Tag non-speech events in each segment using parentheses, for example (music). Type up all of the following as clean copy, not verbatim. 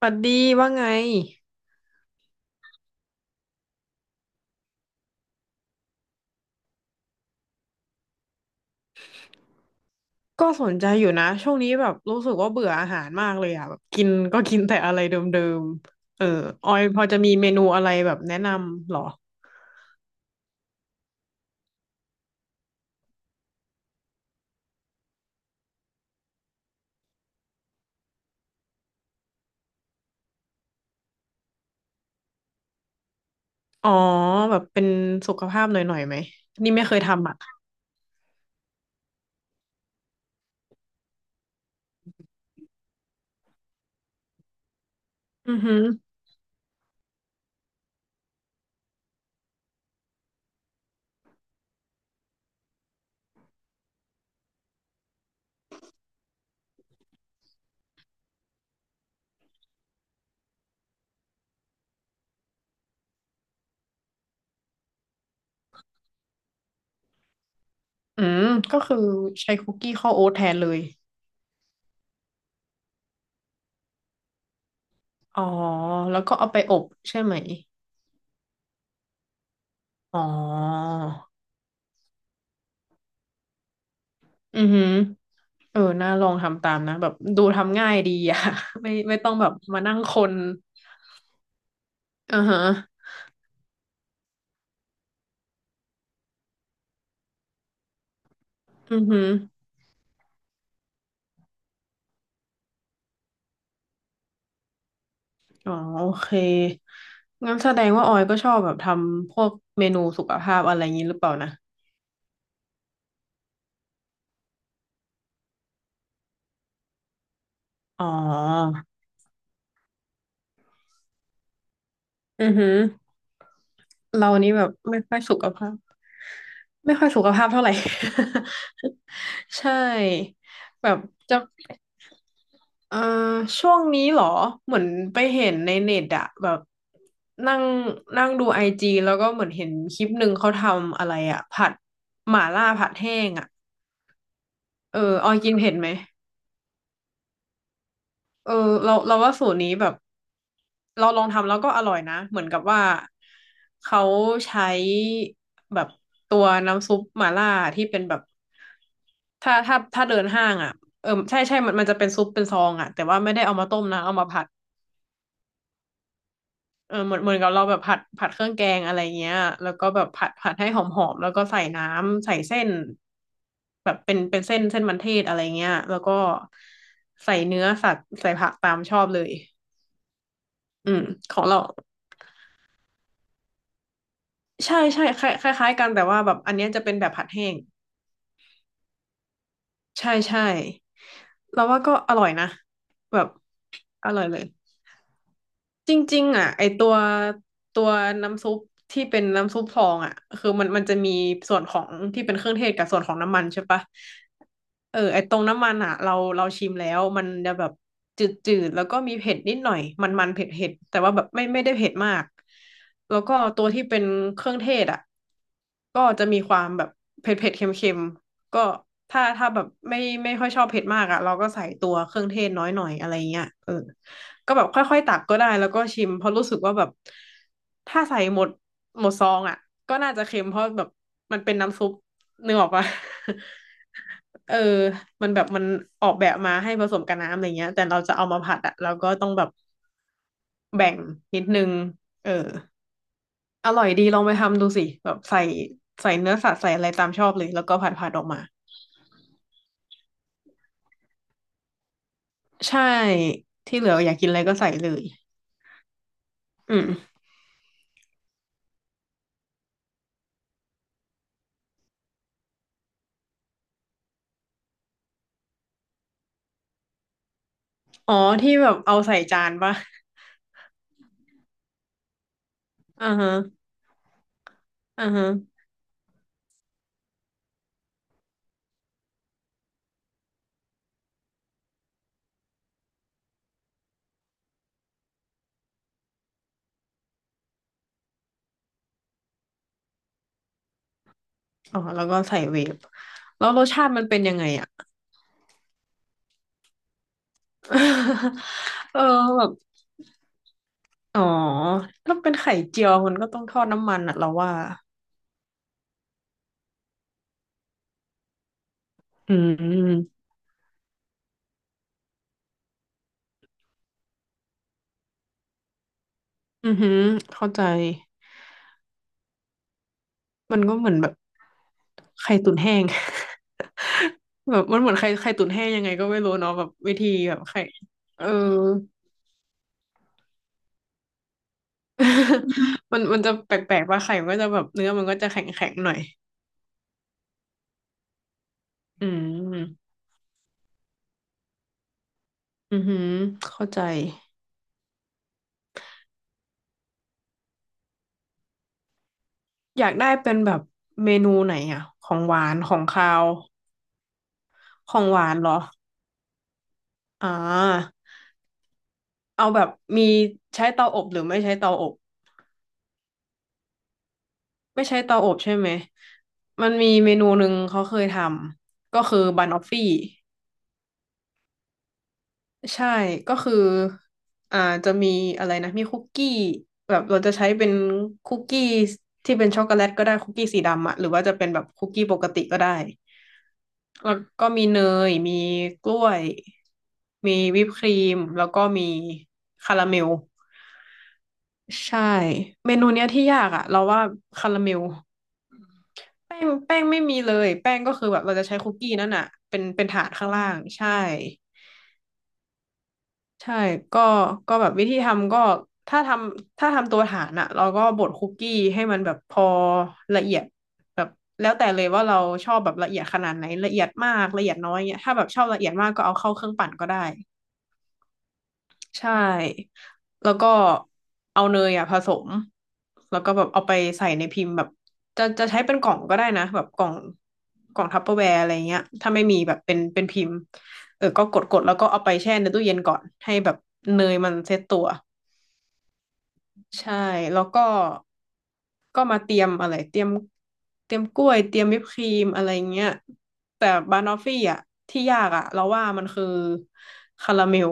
ปัดดีว่าไงก็สนใจอยู่นะช่วงนี้แบบรู้สึกว่าเบื่ออาหารมากเลยอ่ะแบบกินก็กินแต่อะไรเดิมๆเออออยพอจะมีเมนูอะไรแบบแนะนำเหรออ๋อแบบเป็นสุขภาพหน่อยๆไหมนี่ไม่เคยทำอ่ะอือหืออืมก็คือใช้คุกกี้ข้าวโอ๊ตแทนเลยอ๋อแล้วก็เอาไปอบใช่ไหมอ๋ออือหือเออน่าลองทำตามนะแบบดูทำง่ายดีอ่ะ (laughs) ไม่ต้องแบบมานั่งคนอือฮะอือหือ อ๋อโอเคงั้นแสดงว่าออยก็ชอบแบบทำพวกเมนูสุขภาพอะไรอย่างนี้หรือเปล่านะอ๋ออือหือเรานี่แบบไม่ค่อยสุขภาพไม่ค่อยสุขภาพเท่าไหร่ (laughs) ใช่แบบจะเอ่อช่วงนี้เหรอเหมือนไปเห็นในเน็ตอะแบบนั่งนั่งดูไอจีแล้วก็เหมือนเห็นคลิปหนึ่งเขาทำอะไรอะผัดหม่าล่าผัดแห้งอะเออออยกินเผ็ดไหมเออเราว่าสูตรนี้แบบ เราลองทำแล้วก็อร่อยนะเหมือนกับว่าเขาใช้แบบตัวน้ำซุปหม่าล่าที่เป็นแบบถ้าเดินห้างอ่ะเออใช่มันจะเป็นซุปเป็นซองอ่ะแต่ว่าไม่ได้เอามาต้มนะเอามาผัดเออเหมือนกับเราแบบผัดเครื่องแกงอะไรเงี้ยแล้วก็แบบผัดให้หอมหอมแล้วก็ใส่น้ำใส่เส้นแบบเป็นเส้นมันเทศอะไรเงี้ยแล้วก็ใส่เนื้อสัตว์ใส่ผักตามชอบเลยอืมของเรา ใช่ใช่คล้ายๆกันแต่ว่าแบบอันเนี้ยจะเป็นแบบผัดแห้งใช่ใช่เราว่าก็อร่อยนะแบบอร่อยเลย จริงๆอ่ะไอตัวตัวน้ำซุปที่เป็นน้ำซุปฟองอ่ะคือมันจะมีส่วนของที่เป็นเครื่องเทศกับส่วนของน้ำมันใช่ปะเออไอตรงน้ำมันอ่ะเราชิมแล้วมันจะแบบจืดๆแล้วก็มีเผ็ดนิดหน่อยมันๆเผ็ดๆแต่ว่าแบบไม่ได้เผ็ดมากแล้วก็ตัวที่เป็นเครื่องเทศอ่ะก็จะมีความแบบเผ็ดๆเค็มๆก็ถ้าแบบไม่ค่อยชอบเผ็ดมากอ่ะเราก็ใส่ตัวเครื่องเทศน้อยหน่อยอะไรเงี้ยเออ ก็แบบค่อยๆตักก็ได้แล้วก็ชิมเพราะรู้สึกว่าแบบถ้าใส่หมดซองอ่ะก็น่าจะเค็มเพราะแบบมันเป็นน้ำซุปนึกออกปะ (laughs) เออมันแบบมันออกแบบมาให้ผสมกับน้ำอะไรเงี้ยแต่เราจะเอามาผัดอ่ะเราก็ต้องแบบแบ่งนิดนึงเอออร่อยดีลองไปทำดูสิแบบใส่เนื้อสัตว์ใส่อะไรตามชอบเลยแล้วก็ผัดออกมาใช่ที่เหลืออยากกินอะไรก็ใส่เลยอืมอ๋อที่แบบเอาใส่จานปะอ่าฮะอ่าฮะ อ๋อแล้วก็ใส่เวฟแล้วรสชาติมันเป็นยังไงอ่ะ (laughs) เออแบบอ๋อถ้าเป็นไข่เจียวมันก็ต้องทอดน้ำมันอ่ะเราว่าอืมอือหือเข้าใจมันก็เหมือนแบบไข่ตุ๋นแห้ง (laughs) แบบมันเหมือนไข่ไข่ตุ๋นแห้งยังไงก็ไม่รู้เนาะแบบวิธีแบบไข่เออ (laughs) มันจะแปลกๆป่าไข่มันก็จะแบบเนื้อมันก็จะแข็งๆหน่อยอืมอือหือเข้าใจ อยากได้เป็นแบบเมนูไหนอ่ะของหวานของคาวของหวานเหรออ่าเอาแบบมีใช้เตาอบหรือไม่ใช้เตาอบไม่ใช้เตาอบใช่ไหมมันมีเมนูหนึ่งเขาเคยทำก็คือบันออฟฟี่ใช่ก็คืออ่าจะมีอะไรนะมีคุกกี้แบบเราจะใช้เป็นคุกกี้ที่เป็นช็อกโกแลตก็ได้คุกกี้สีดำอะหรือว่าจะเป็นแบบคุกกี้ปกติก็ได้ แล้วก็มีเนย มีกล้วยมีวิปครีม แล้วก็มีคาราเมลใช่ เมนูเนี้ยที่ยากอ่ะเราว่าคาราเมลแป้งแป้งไม่มีเลยแป้งก็คือแบบเราจะใช้คุกกี้นั่นอ่ะเป็นเป็นถาดข้างล่าง ใช่ใช่ก็ก็แบบวิธีทำก็ถ้าทำตัวฐานอ่ะเราก็บดคุกกี้ให้มันแบบพอละเอียดแบบแล้วแต่เลยว่าเราชอบแบบละเอียดขนาดไหนละเอียดมากละเอียดน้อยเงี้ยถ้าแบบชอบละเอียดมากก็เอาเข้าเครื่องปั่นก็ได้ ใช่ แล้วก็เอาเนยอ่ะผสมแล้วก็แบบเอาไปใส่ในพิมพ์แบบจะใช้เป็นกล่องก็ได้นะแบบกล่องกล่องทัปเปอร์แวร์อะไรเงี้ยถ้าไม่มีแบบเป็นเป็นพิมพ์เออก็กดกดแล้วก็เอาไปแช่ในตู้เย็นก่อนให้แบบเนยมันเซ็ตตัว ใช่ แล้วก็มาเตรียมอะไรเตรียมกล้วยเตรียมวิปครีมอะไรเงี้ยแต่บานอฟฟี่อ่ะที่ยากอ่ะเราว่ามันคือคาราเมล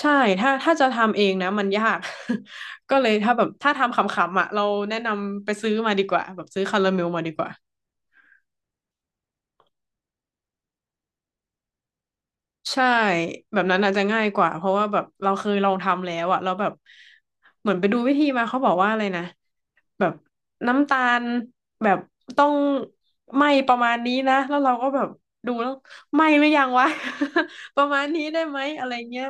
ใช่ถ้าจะทำเองนะมันยาก (laughs) ก็เลยถ้าแบบถ้าทำขำๆอ่ะเราแนะนำไปซื้อมาดีกว่าแบบซื้อคาราเมลมาดีกว่าใช่แบบนั้นอาจจะง่ายกว่าเพราะว่าแบบเราเคยลองทำแล้วอะแล้วแบบเหมือนไปดูวิธีมาเขาบอกว่าอะไรนะแบบน้ำตาลแบบต้องไหม้ประมาณนี้นะแล้วเราก็แบบดูแล้วไหม้หรือยังวะ (laughs) ประมาณนี้ได้ไหมอะไรเงี้ย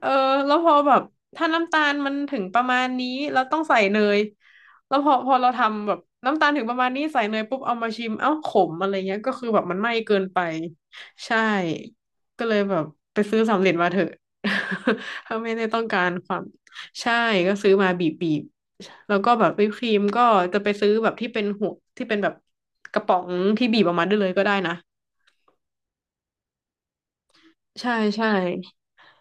เออแล้วพอแบบถ้าน้ำตาลมันถึงประมาณนี้เราต้องใส่เนยแล้วพอเราทำแบบน้ำตาลถึงประมาณนี้ใส่เนยปุ๊บเอามาชิมเอ้าขมอะไรเงี้ยก็คือแบบมันไหม้เกินไปใช่ก็เลยแบบไปซื้อสำเร็จมาเถอะ (laughs) ถ้าไม่ได้ต้องการความใช่ก็ซื้อมาบีบบีบแล้วก็แบบวิปครีมก็จะไปซื้อแบบที่เป็นหัวที่เป็นแบบกระป๋องที่บีบออกมาได้เลยก็ได้นะ ใช่ใช่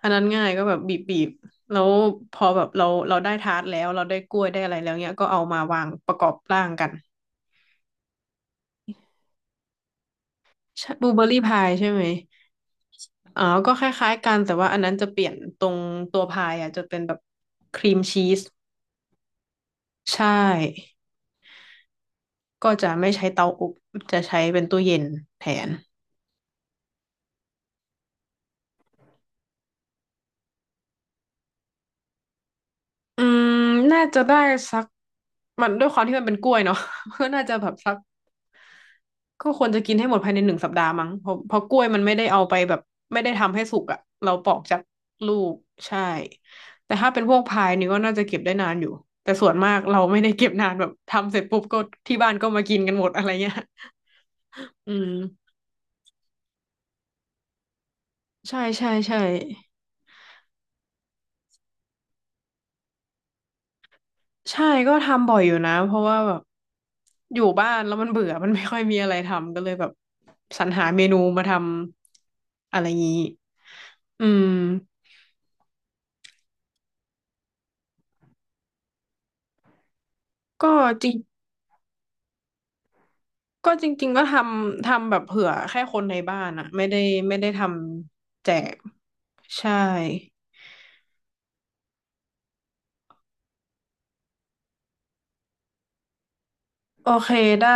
อันนั้นง่ายก็แบบบีบบีบแล้วพอแบบเราได้ทาร์ตแล้วเราได้กล้วยได้อะไรแล้วเนี้ยก็เอามาวางประกอบร่างกันใช่บลูเบอร์รี่พายใช่ไหมอ๋อ ก็คล้ายๆกันแต่ว่าอันนั้นจะเปลี่ยนตรงตัวพายอ่ะจะเป็นแบบครีมชีสใช่ ก็จะไม่ใช้เตาอบจะใช้เป็นตู้เย็นแทน อืมน่าจะได้สัก มันด้วยความที่มันเป็นกล้วยเนาะ (laughs) ก็น่าจะแบบสัก ก็ควรจะกินให้หมดภายใน1 สัปดาห์มั้งเพราะกล้วยมันไม่ได้เอาไปแบบไม่ได้ทำให้สุกอ่ะเราปอกจากลูกใช่แต่ถ้าเป็นพวกพายนี่ก็น่าจะเก็บได้นานอยู่แต่ส่วนมากเราไม่ได้เก็บนานแบบทำเสร็จปุ๊บก็ที่บ้านก็มากินกันหมดอะไรเงี้ย (laughs) อืมใช่ใช่ใช่ใช่ก็ทำบ่อยอยู่นะเพราะว่าแบบอยู่บ้านแล้วมันเบื่อมันไม่ค่อยมีอะไรทำก็เลยแบบสรรหาเมนูมาทำอะไรงี้อืมก็ ก็จริงๆก็ทำแบบเผื่อแค่คนในบ้านอะไม่ได้ไม่ได้ทำแจกใช่โอเคได้